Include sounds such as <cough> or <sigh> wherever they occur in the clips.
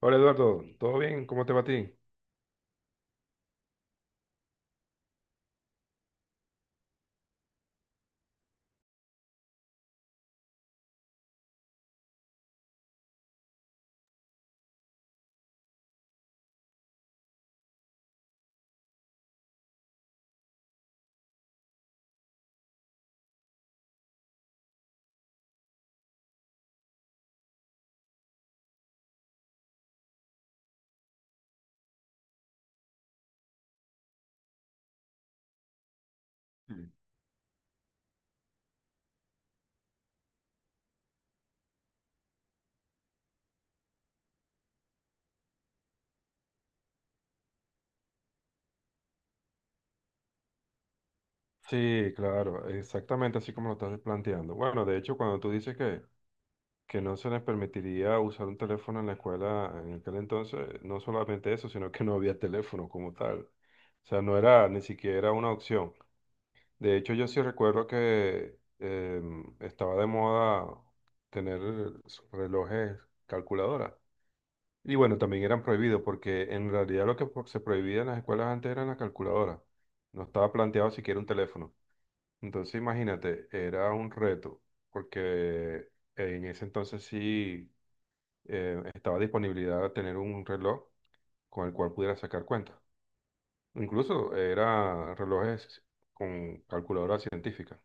Hola Eduardo, ¿todo bien? ¿Cómo te va a ti? Mm. Sí, claro, exactamente así como lo estás planteando. Bueno, de hecho, cuando tú dices que no se les permitiría usar un teléfono en la escuela en aquel entonces, no solamente eso, sino que no había teléfono como tal. O sea, no era ni siquiera una opción. De hecho, yo sí recuerdo que estaba de moda tener relojes calculadoras. Y bueno, también eran prohibidos porque en realidad lo que se prohibía en las escuelas antes eran las calculadoras. No estaba planteado siquiera un teléfono. Entonces imagínate, era un reto porque en ese entonces sí estaba disponibilidad a tener un reloj con el cual pudiera sacar cuentas. Incluso era relojes con calculadora científica.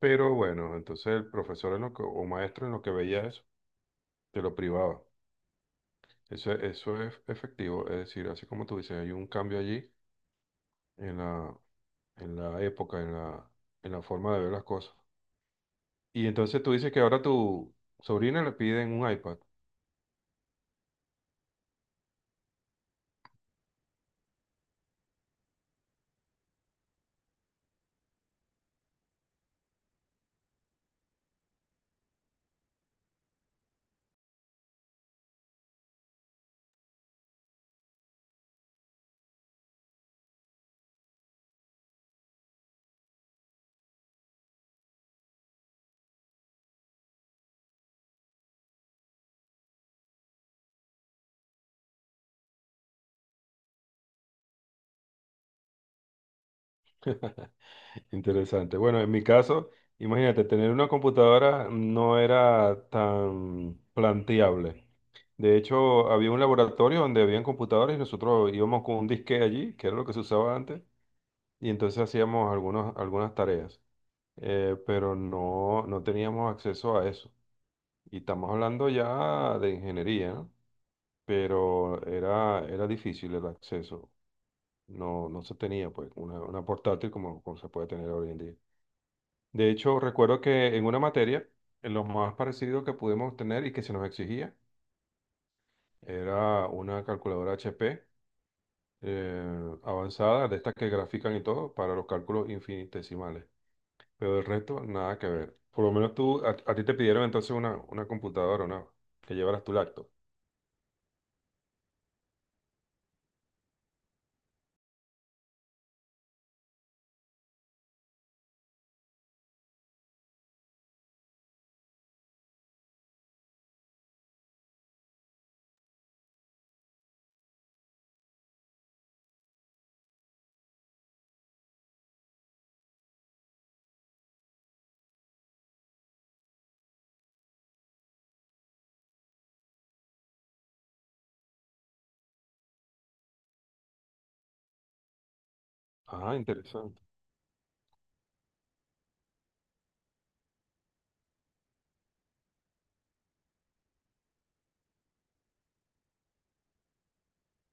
Pero bueno, entonces el profesor en lo que, o maestro en lo que veía eso, te lo privaba. Eso es efectivo, es decir, así como tú dices, hay un cambio allí en la, en la época, en la forma de ver las cosas. Y entonces tú dices que ahora tu sobrina le piden un iPad. <laughs> Interesante. Bueno, en mi caso, imagínate, tener una computadora no era tan planteable. De hecho, había un laboratorio donde habían computadoras y nosotros íbamos con un disque allí, que era lo que se usaba antes, y entonces hacíamos algunas tareas. Pero no teníamos acceso a eso. Y estamos hablando ya de ingeniería, ¿no? Pero era difícil el acceso. No se tenía pues una portátil como se puede tener hoy en día. De hecho, recuerdo que en una materia, en lo más parecido que pudimos tener y que se nos exigía era una calculadora HP avanzada, de estas que grafican y todo, para los cálculos infinitesimales. Pero el resto, nada que ver. Por lo menos tú, a ti te pidieron entonces una computadora, ¿no? Que llevaras tu laptop. Ah, interesante.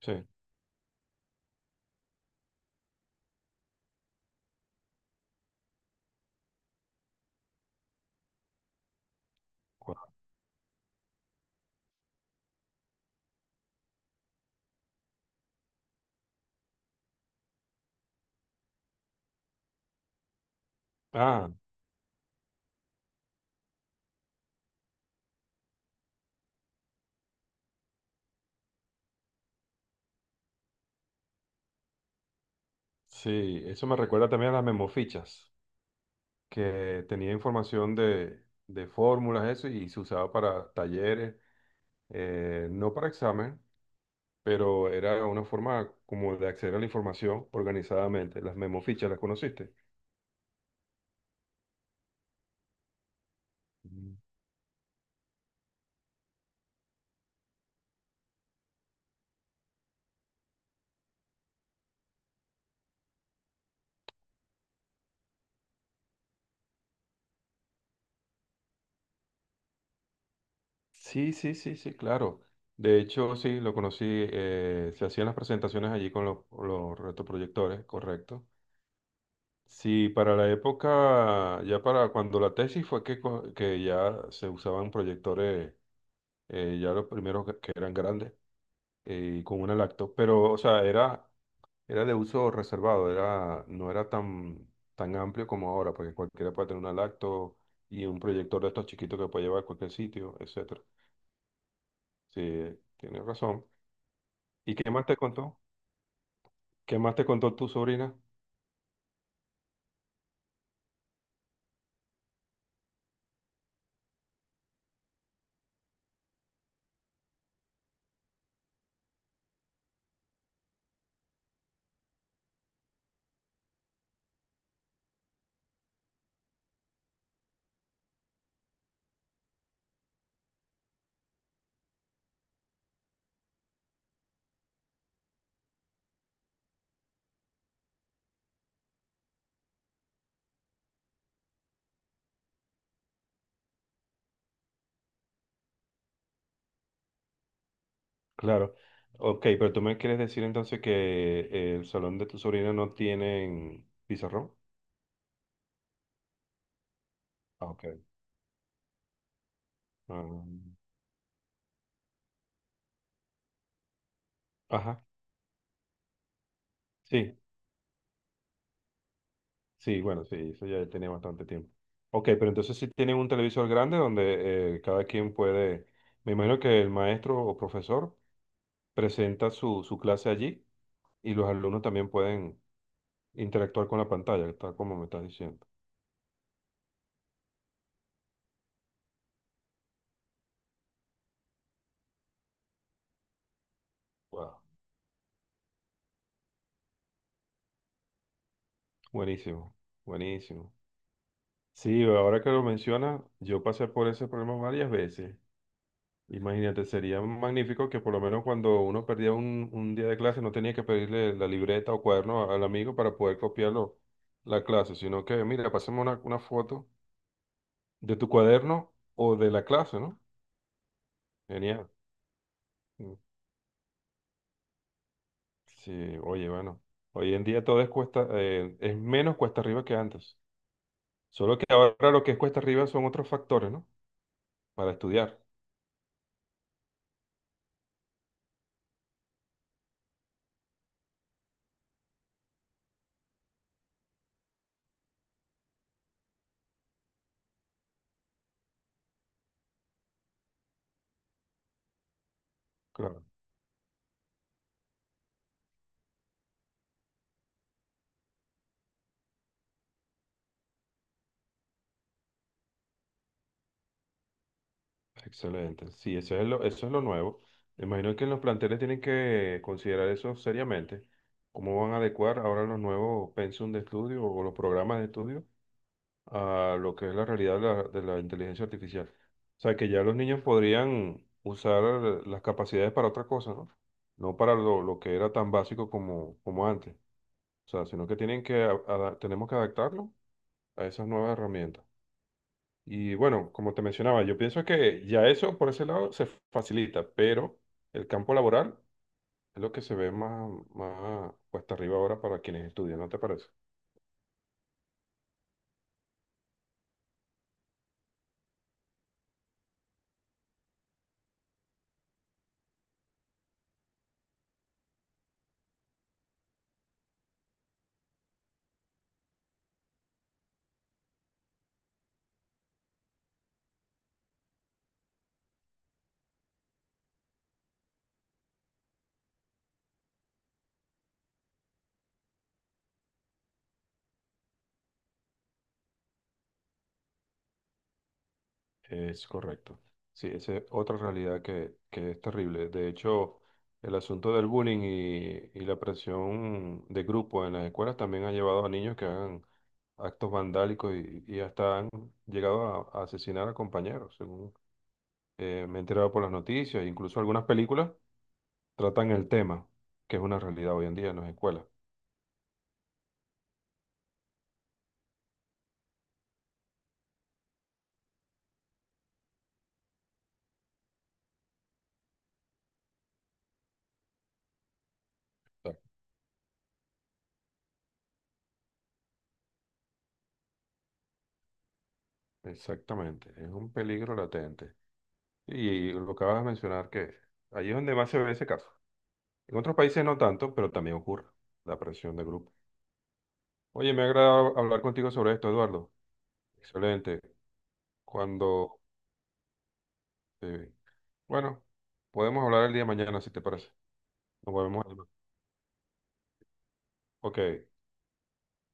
Sí. Guau. Ah, sí, eso me recuerda también a las memofichas, que tenía información de fórmulas, eso, y se usaba para talleres, no para examen, pero era una forma como de acceder a la información organizadamente. Las memofichas, ¿las conociste? Mm. Sí, sí, sí, sí, claro. De hecho, sí, lo conocí, se hacían las presentaciones allí con los retroproyectores, correcto. Sí, para la época, ya para cuando la tesis fue que, que ya se usaban proyectores, ya los primeros que eran grandes, con una lacto, pero, o sea, era de uso reservado, era, no era tan amplio como ahora, porque cualquiera puede tener una lacto y un proyector de estos chiquitos que puede llevar a cualquier sitio, etcétera. Sí, tienes razón. ¿Y qué más te contó? ¿Qué más te contó tu sobrina? Claro. Ok, pero tú me quieres decir entonces que el salón de tu sobrina no tienen pizarrón. Ah, ok. Ah, ajá. Sí, sí, bueno, sí, eso ya tenía bastante tiempo. Ok, pero entonces sí tienen un televisor grande donde cada quien puede, me imagino que el maestro o profesor presenta su clase allí y los alumnos también pueden interactuar con la pantalla, tal como me estás diciendo. Wow. Buenísimo, buenísimo. Sí, ahora que lo mencionas, yo pasé por ese problema varias veces. Imagínate, sería magnífico que por lo menos cuando uno perdía un día de clase no tenía que pedirle la libreta o cuaderno al amigo para poder copiarlo la clase, sino que, mira, pasemos una foto de tu cuaderno o de la clase, ¿no? Genial. Mm, sí, oye, bueno, hoy en día todo es cuesta, es menos cuesta arriba que antes. Solo que ahora lo que es cuesta arriba son otros factores, ¿no? Para estudiar. Claro. Excelente. Sí, eso es lo nuevo. Me imagino que los planteles tienen que considerar eso seriamente. ¿Cómo van a adecuar ahora los nuevos pensum de estudio o los programas de estudio a lo que es la realidad de la inteligencia artificial? O sea, que ya los niños podrían usar las capacidades para otra cosa, ¿no? No para lo que era tan básico como, como antes. O sea, sino que tienen que, tenemos que adaptarlo a esas nuevas herramientas. Y bueno, como te mencionaba, yo pienso que ya eso por ese lado se facilita, pero el campo laboral es lo que se ve más, más cuesta arriba ahora para quienes estudian, ¿no te parece? Es correcto. Sí, esa es otra realidad que es terrible. De hecho, el asunto del bullying y la presión de grupo en las escuelas también ha llevado a niños que hagan actos vandálicos y hasta han llegado a asesinar a compañeros, según me he enterado por las noticias, incluso algunas películas tratan el tema, que es una realidad hoy en día en las escuelas. Claro. Exactamente, es un peligro latente. Y lo que acabas de mencionar, que allí es donde más se ve ese caso. En otros países no tanto, pero también ocurre la presión de grupo. Oye, me ha agradado hablar contigo sobre esto, Eduardo. Excelente. Cuando, eh, bueno, podemos hablar el día de mañana, si te parece. Nos volvemos a llamar. Ok.